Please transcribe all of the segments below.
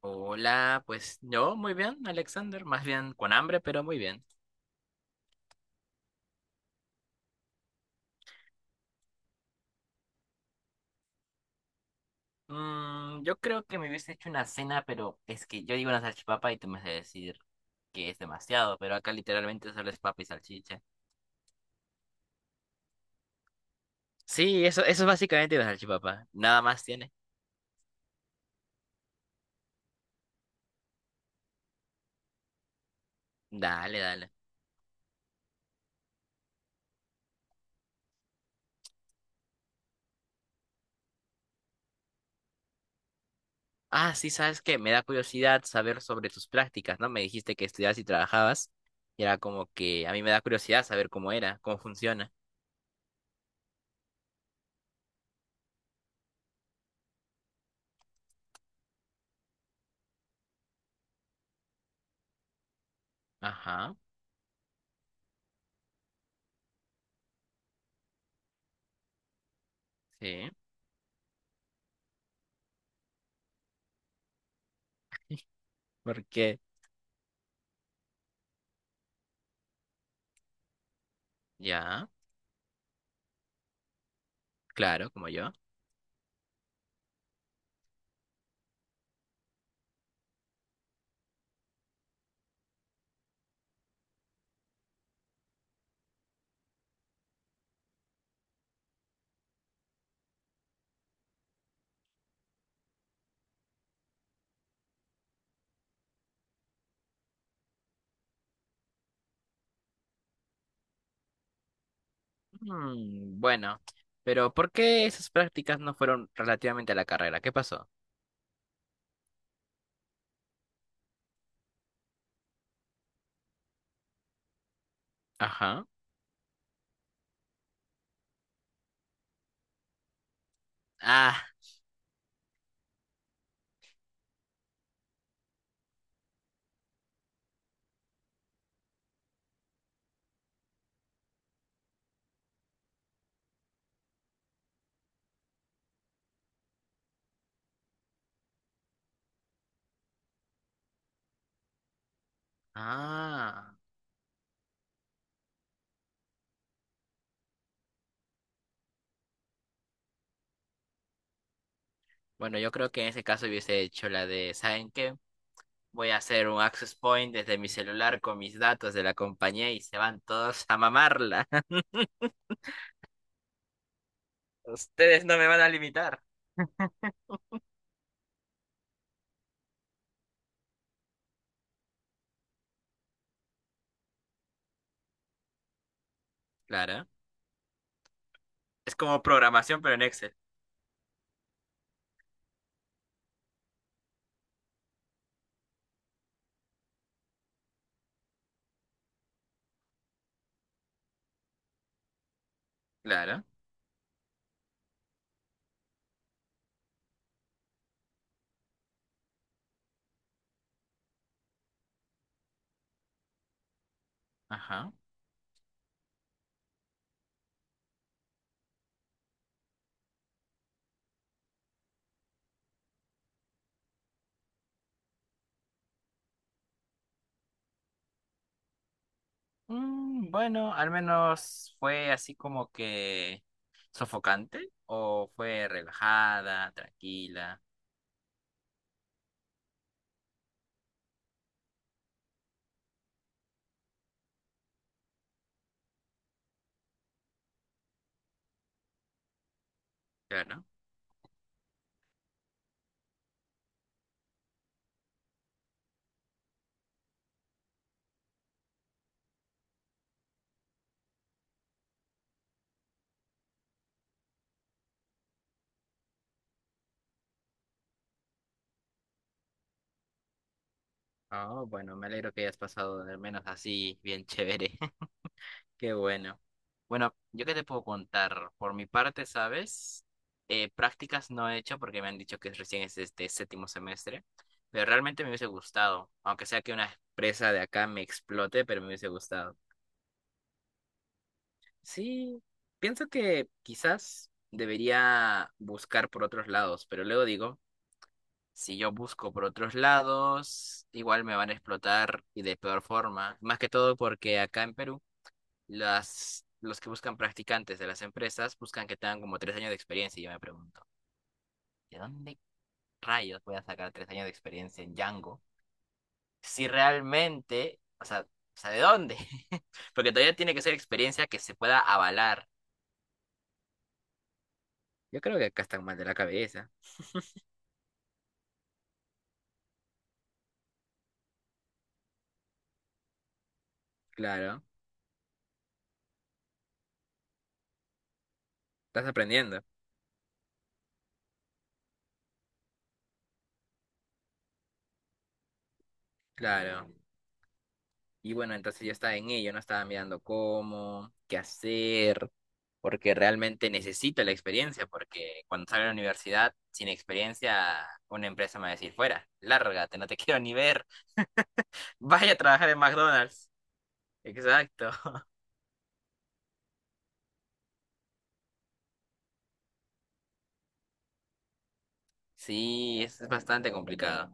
Hola, pues yo muy bien, Alexander, más bien con hambre, pero muy bien. Yo creo que me hubiese hecho una cena, pero es que yo digo una salchipapa y tú me vas a decir que es demasiado, pero acá literalmente solo es papa y salchicha. Sí, eso es básicamente una salchipapa, nada más tiene. Dale, dale. Ah, sí, sabes que me da curiosidad saber sobre tus prácticas, ¿no? Me dijiste que estudiabas y trabajabas, y era como que a mí me da curiosidad saber cómo era, cómo funciona. Ajá, sí, porque ya, claro, como yo. Mm, bueno, pero ¿por qué esas prácticas no fueron relativamente a la carrera? ¿Qué pasó? Ajá. Ah, ah. Bueno, yo creo que en ese caso hubiese hecho la de, ¿saben qué? Voy a hacer un access point desde mi celular con mis datos de la compañía y se van todos a mamarla. Ustedes no me van a limitar. Claro. Es como programación, pero en Excel. Claro. Ajá. Mm, bueno, al menos fue así como que sofocante o fue relajada, tranquila, claro. Oh, bueno, me alegro que hayas pasado al menos así bien chévere. Qué bueno. Bueno, yo qué te puedo contar. Por mi parte, ¿sabes? Prácticas no he hecho porque me han dicho que recién es este séptimo semestre, pero realmente me hubiese gustado, aunque sea que una empresa de acá me explote, pero me hubiese gustado. Sí, pienso que quizás debería buscar por otros lados, pero luego digo, si yo busco por otros lados, igual me van a explotar y de peor forma. Más que todo porque acá en Perú, las, los que buscan practicantes de las empresas buscan que tengan como 3 años de experiencia y yo me pregunto, ¿de dónde rayos voy a sacar 3 años de experiencia en Django? Si realmente, o sea, ¿de dónde? Porque todavía tiene que ser experiencia que se pueda avalar. Yo creo que acá están mal de la cabeza. Claro, estás aprendiendo, claro. Y bueno, entonces yo estaba en ello, no estaba mirando cómo, qué hacer, porque realmente necesito la experiencia, porque cuando salga de la universidad, sin experiencia, una empresa me va a decir, fuera, lárgate, no te quiero ni ver, vaya a trabajar en McDonald's. Exacto. Sí, es bastante complicado.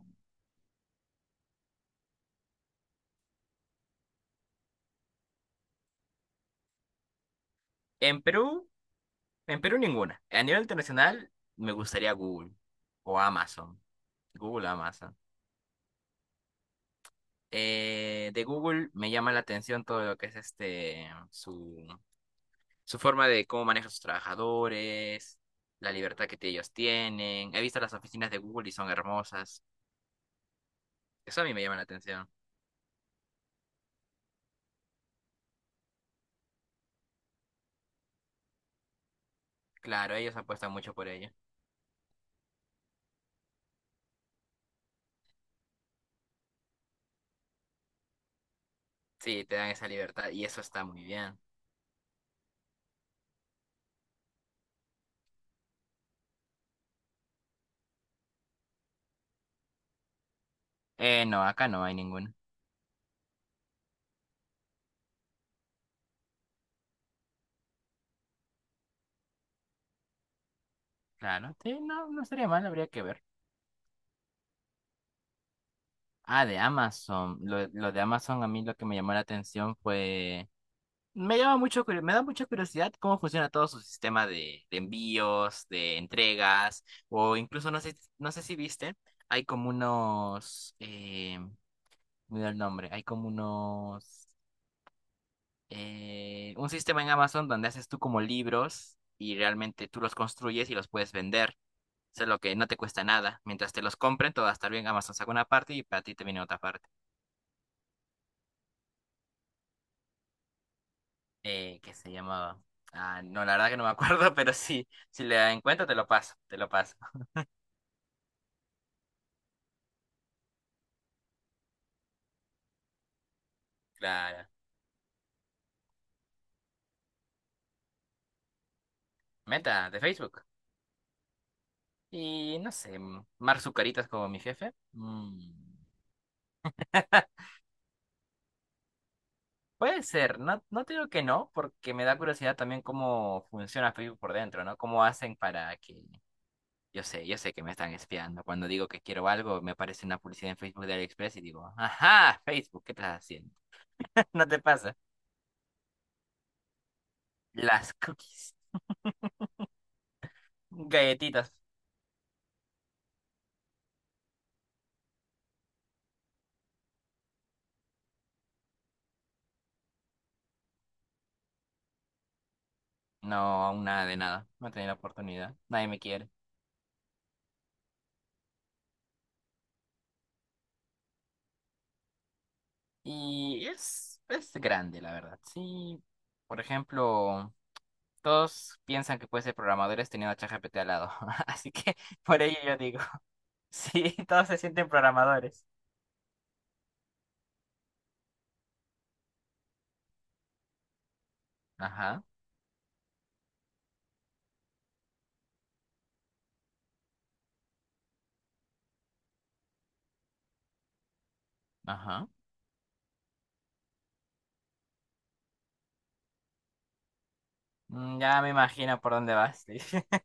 En Perú, en Perú ninguna. A nivel internacional, me gustaría Google o Amazon. Google, Amazon. De Google me llama la atención todo lo que es este su, su forma de cómo maneja a sus trabajadores, la libertad que ellos tienen. He visto las oficinas de Google y son hermosas. Eso a mí me llama la atención. Claro, ellos apuestan mucho por ello. Sí, te dan esa libertad y eso está muy bien. No, acá no hay ninguno. Claro, sí, no, no estaría mal, habría que ver. Ah, de Amazon. Lo de Amazon a mí lo que me llamó la atención fue me llama mucho, me da mucha curiosidad cómo funciona todo su sistema de envíos, de entregas, o incluso no sé, no sé si viste, hay como unos, me da el nombre, hay como unos, un sistema en Amazon donde haces tú como libros y realmente tú los construyes y los puedes vender, eso es lo que no te cuesta nada, mientras te los compren todo va a estar bien, Amazon saca una parte y para ti te viene otra parte, que se llamaba, ah, no, la verdad que no me acuerdo, pero sí. Si le encuentro, te lo paso, te lo paso. Claro. Meta de Facebook. Y no sé, Mark Zucaritas como mi jefe. Mm, puede ser, no, no te digo que no, porque me da curiosidad también cómo funciona Facebook por dentro, ¿no? Cómo hacen para que... yo sé que me están espiando. Cuando digo que quiero algo, me aparece una publicidad en Facebook de AliExpress y digo, ajá, Facebook, ¿qué estás haciendo? No te pasa. Las cookies. Galletitas. No, aún nada de nada. No he tenido la oportunidad. Nadie me quiere. Y es grande, la verdad. Sí, por ejemplo, todos piensan que puede ser programadores teniendo a ChatGPT al lado. Así que por ello yo digo, sí, todos se sienten programadores. Ajá, ajá. Ya me imagino por dónde vas. Sí.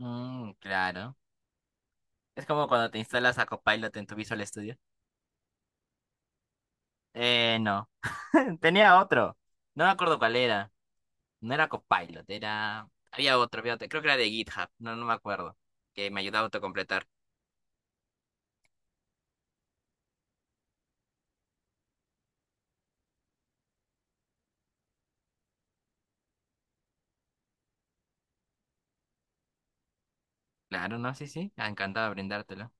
Mm, claro. Es como cuando te instalas a Copilot en tu Visual Studio. No. Tenía otro. No me acuerdo cuál era. No era Copilot, era... Había otro, había otro. Creo que era de GitHub. No, no me acuerdo. Que me ayudaba a autocompletar. Claro, no, sí, sí. Ah, encantado de brindártelo.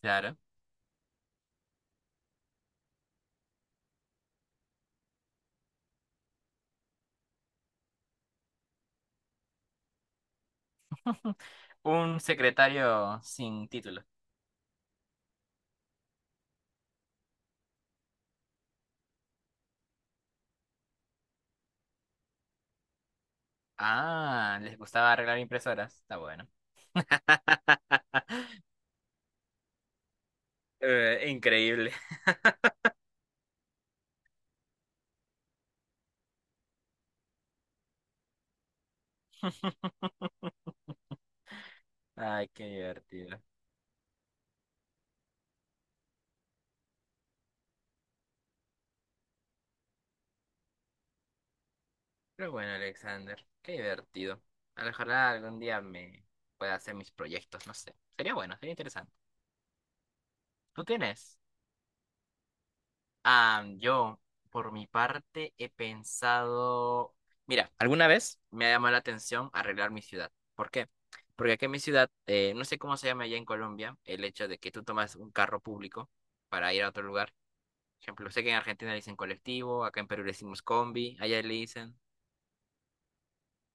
Claro. Un secretario sin título. Ah, les gustaba arreglar impresoras. Está bueno. Increíble. Ay, qué divertido. Pero bueno, Alexander, qué divertido. A lo mejor algún día me pueda hacer mis proyectos, no sé. Sería bueno, sería interesante. ¿Tú tienes? Ah, yo, por mi parte, he pensado, mira, alguna vez me ha llamado la atención arreglar mi ciudad. ¿Por qué? Porque aquí en mi ciudad, no sé cómo se llama allá en Colombia, el hecho de que tú tomas un carro público para ir a otro lugar. Por ejemplo, sé que en Argentina le dicen colectivo, acá en Perú le decimos combi, allá le dicen,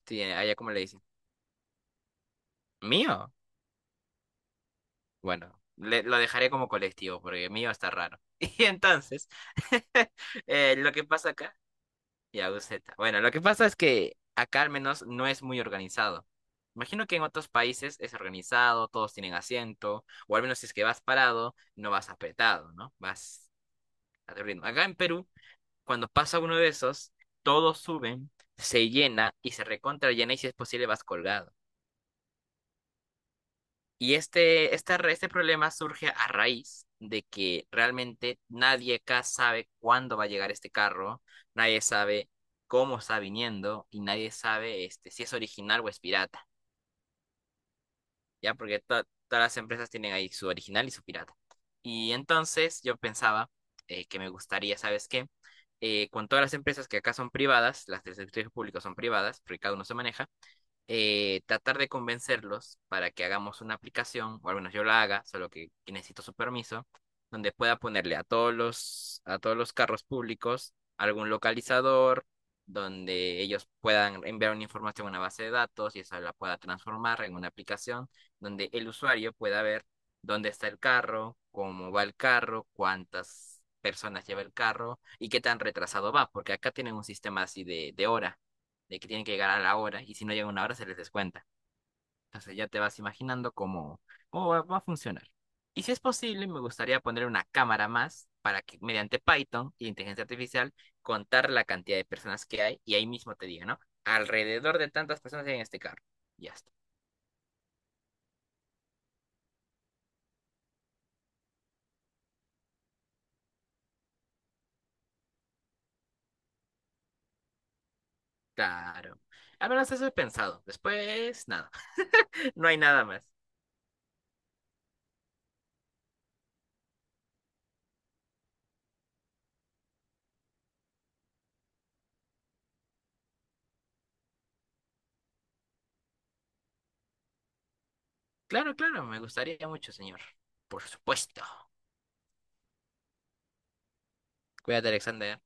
sí, allá cómo le dicen. Mío. Bueno, lo dejaré como colectivo, porque mío está raro. Y entonces, lo que pasa acá y Aguseta. Bueno, lo que pasa es que acá al menos no es muy organizado. Imagino que en otros países es organizado, todos tienen asiento, o al menos si es que vas parado, no vas apretado, ¿no? Vas a tu ritmo. Acá en Perú, cuando pasa uno de esos, todos suben, se llena y se recontra llena y si es posible vas colgado. Y este, este problema surge a raíz de que realmente nadie acá sabe cuándo va a llegar este carro, nadie sabe cómo está viniendo y nadie sabe este, si es original o es pirata, ¿ya? Porque todas las empresas tienen ahí su original y su pirata. Y entonces yo pensaba que me gustaría, ¿sabes qué? Con todas las empresas que acá son privadas, las del sector público son privadas, porque cada uno se maneja tratar de convencerlos para que hagamos una aplicación, o al menos yo la haga, solo que necesito su permiso, donde pueda ponerle a todos los carros públicos algún localizador, donde ellos puedan enviar una información a una base de datos y esa la pueda transformar en una aplicación donde el usuario pueda ver dónde está el carro, cómo va el carro, cuántas personas lleva el carro y qué tan retrasado va, porque acá tienen un sistema así de hora de que tienen que llegar a la hora y si no llegan a una hora se les descuenta. Entonces ya te vas imaginando cómo va, a funcionar. Y si es posible, me gustaría poner una cámara más para que mediante Python y inteligencia artificial contar la cantidad de personas que hay y ahí mismo te diga, ¿no? Alrededor de tantas personas hay en este carro. Ya está. Claro. Al menos eso he pensado. Después, nada. No hay nada más. Claro, claro, me gustaría mucho, señor. Por supuesto. Cuídate, Alexander.